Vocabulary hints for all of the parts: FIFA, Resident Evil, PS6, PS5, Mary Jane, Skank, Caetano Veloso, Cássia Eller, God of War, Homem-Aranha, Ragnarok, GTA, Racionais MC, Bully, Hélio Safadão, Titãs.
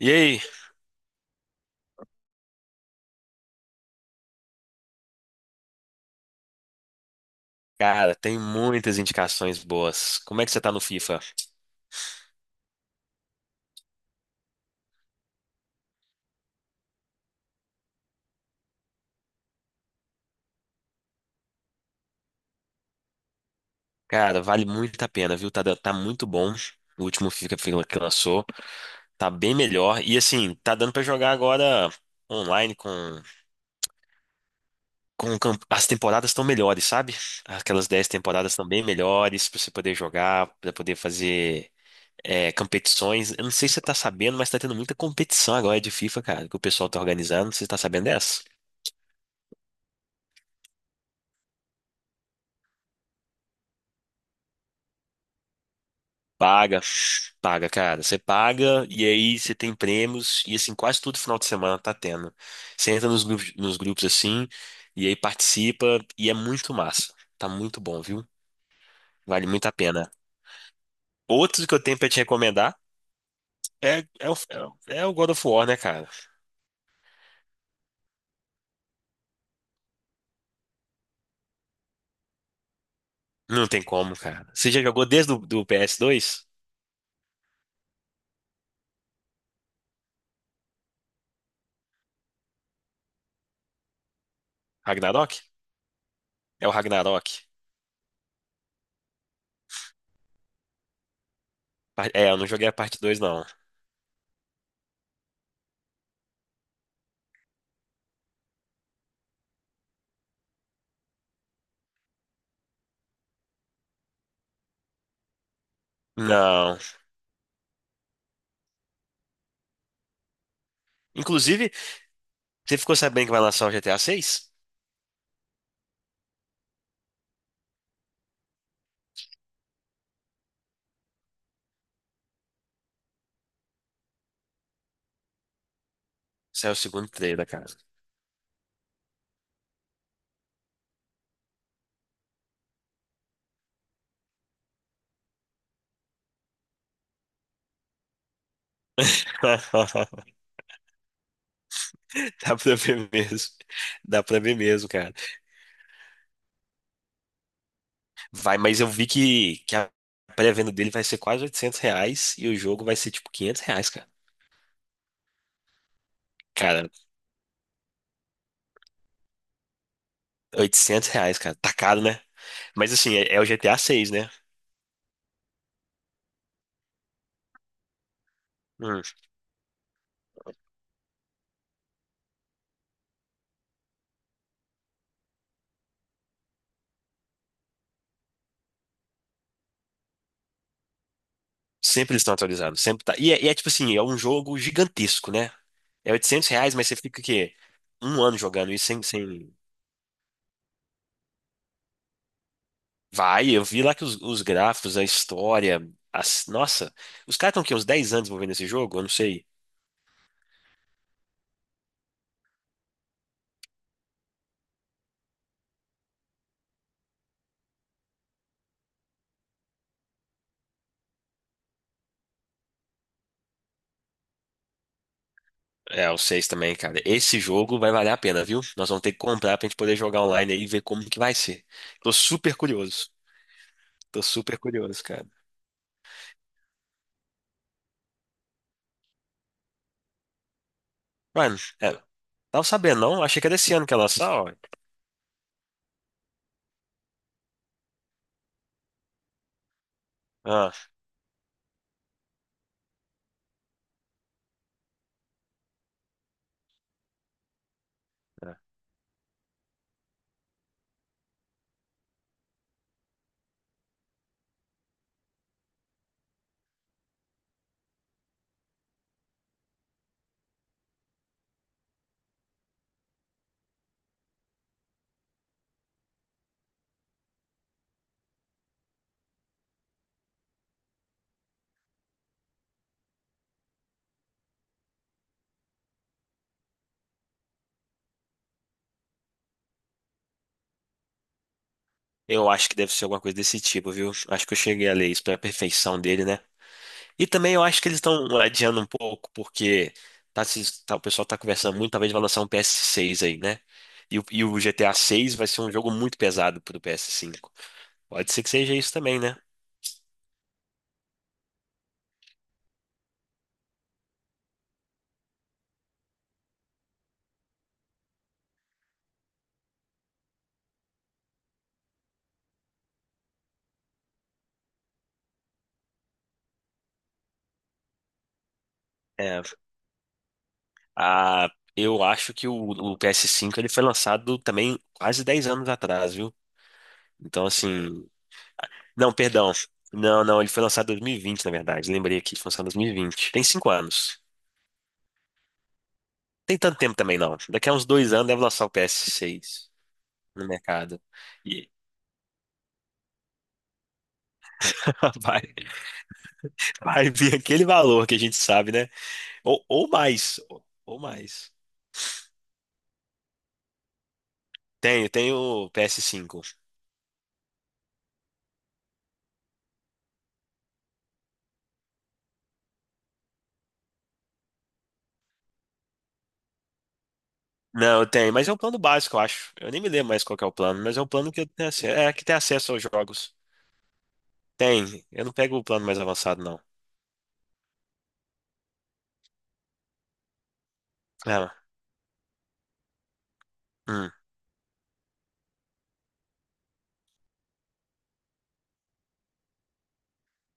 E aí? Cara, tem muitas indicações boas. Como é que você tá no FIFA? Cara, vale muito a pena, viu? Tá muito bom. O último FIFA que lançou tá bem melhor. E assim, tá dando pra jogar agora online as temporadas estão melhores, sabe? Aquelas 10 temporadas estão bem melhores pra você poder jogar, pra poder fazer competições. Eu não sei se você tá sabendo, mas tá tendo muita competição agora de FIFA, cara, que o pessoal tá organizando. Você tá sabendo dessa? Paga, paga, cara. Você paga e aí você tem prêmios e assim, quase todo final de semana tá tendo. Você entra nos grupos assim e aí participa e é muito massa. Tá muito bom, viu? Vale muito a pena. Outro que eu tenho pra te recomendar é, é, o, é o God of War, né, cara? Não tem como, cara. Você já jogou desde o do ps dois? Ragnarok? É o Ragnarok. É, eu não joguei a parte 2, não. Não. Inclusive, você ficou sabendo que vai lançar o GTA seis? Saiu o segundo trailer, cara. Dá pra ver mesmo. Dá pra ver mesmo, cara. Vai, mas eu vi que a pré-venda dele vai ser quase 800 reais e o jogo vai ser tipo 500 reais, cara. Cara, oitocentos reais, cara. Tá caro, né? Mas assim, é o GTA 6, né? Hum. Sempre eles estão atualizando, sempre tá. Tipo assim, é um jogo gigantesco, né? É 800 reais, mas você fica o quê? Um ano jogando isso sem. Vai, eu vi lá que os gráficos, Nossa, os caras estão aqui uns 10 anos desenvolvendo esse jogo, eu não sei. É, o seis também, cara. Esse jogo vai valer a pena, viu? Nós vamos ter que comprar pra gente poder jogar online aí e ver como que vai ser. Tô super curioso. Tô super curioso, cara. Mano, é, tava sabendo, não? Achei que era esse ano que ia lançar, ó. Ah, é. Eu acho que deve ser alguma coisa desse tipo, viu? Acho que eu cheguei a ler isso pra perfeição dele, né? E também eu acho que eles estão adiando um pouco, porque o pessoal tá conversando muito, talvez vai lançar um PS6 aí, né? E o GTA 6 vai ser um jogo muito pesado pro PS5. Pode ser que seja isso também, né? É, a, eu acho que o PS5 ele foi lançado também quase 10 anos atrás, viu? Então, assim. Não, perdão. Não, não, ele foi lançado em 2020, na verdade. Lembrei aqui, foi lançado em 2020. Tem 5 anos. Tem tanto tempo também, não. Daqui a uns dois anos deve lançar o PS6 no mercado. Vai, vai vir aquele valor que a gente sabe, né? Ou mais. Tenho ps cinco. Não, eu tenho, mas é um plano básico, eu acho. Eu nem me lembro mais qual que é o plano, mas é um plano que eu tenho acesso, é, que tem acesso aos jogos. Tem, eu não pego o plano mais avançado, não. Ah, hum.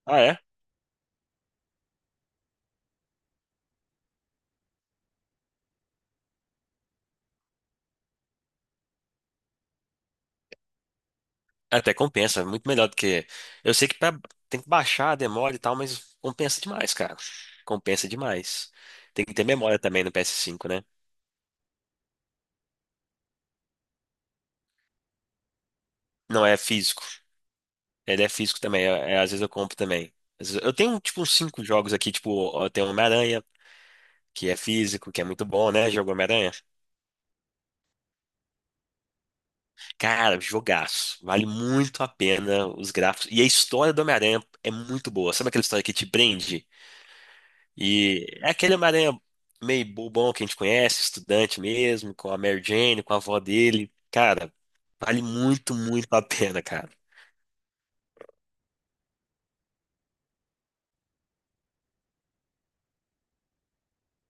Ah, é? É, até compensa, é muito melhor do que. Eu sei que pra- tem que baixar a demora e tal, mas compensa demais, cara. Compensa demais. Tem que ter memória também no ps cinco, né? Não é físico. Ele é físico também, às vezes eu compro também. Às vezes- Eu tenho, tipo, uns cinco jogos aqui, tipo, eu tenho Homem-Aranha, que é físico, que é muito bom, né? Jogo Homem-Aranha. Cara, jogaço. Vale muito a pena os gráficos. E a história do Homem-Aranha é muito boa. Sabe aquela história que te prende? E é aquele Homem-Aranha meio bobão que a gente conhece, estudante mesmo, com a Mary Jane, com a avó dele. Cara, vale muito, muito a pena, cara.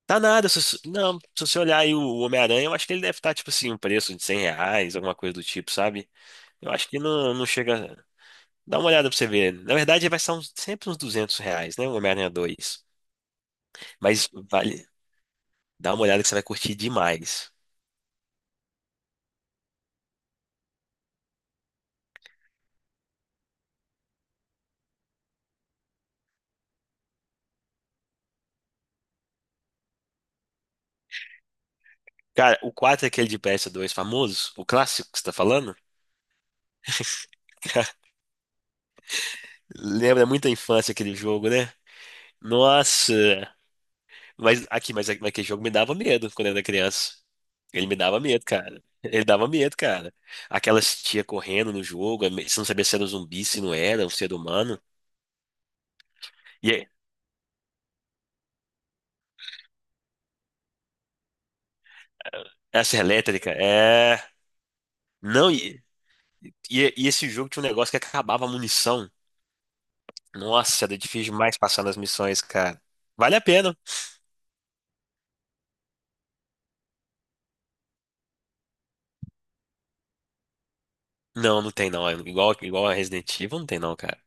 Tá nada, não, se você olhar aí o Homem-Aranha, eu acho que ele deve estar, tipo assim, um preço de 100 reais, alguma coisa do tipo, sabe? Eu acho que não chega. Dá uma olhada pra você ver. Na verdade, vai ser sempre uns 200 reais, né? O Homem-Aranha dois. Mas vale. Dá uma olhada que você vai curtir demais. Cara, o 4 é aquele de ps dois famoso, o clássico que você tá falando? Lembra muito a infância aquele jogo, né? Nossa! Mas aquele jogo me dava medo quando eu era criança. Ele me dava medo, cara. Ele dava medo, cara. Aquelas tia correndo no jogo, você não sabia se era um zumbi, se não era, um ser humano. E aí, essa elétrica, é. Não, e esse jogo tinha um negócio que acabava a munição. Nossa, era difícil demais passar nas missões, cara. Vale a pena. Não, não tem não. É igual, igual a Resident Evil, não tem não, cara.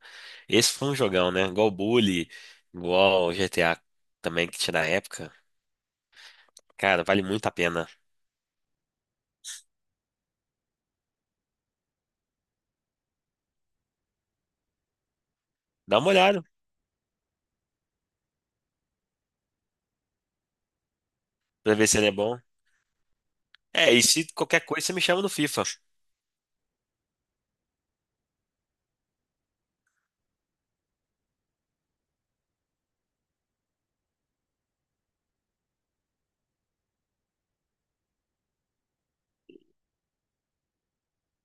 Esse foi um jogão, né? Igual o Bully, igual o GTA também que tinha na época. Cara, vale muito a pena. Dá uma olhada pra ver se ele é bom. É, e se qualquer coisa você me chama no FIFA.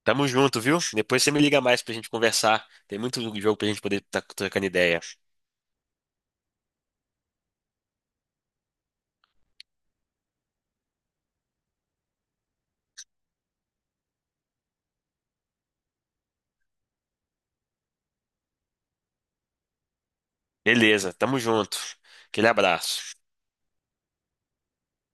Tamo junto, viu? Depois você me liga mais pra gente conversar. Tem muito jogo pra gente poder estar trocando ideia. Beleza, tamo junto. Aquele abraço.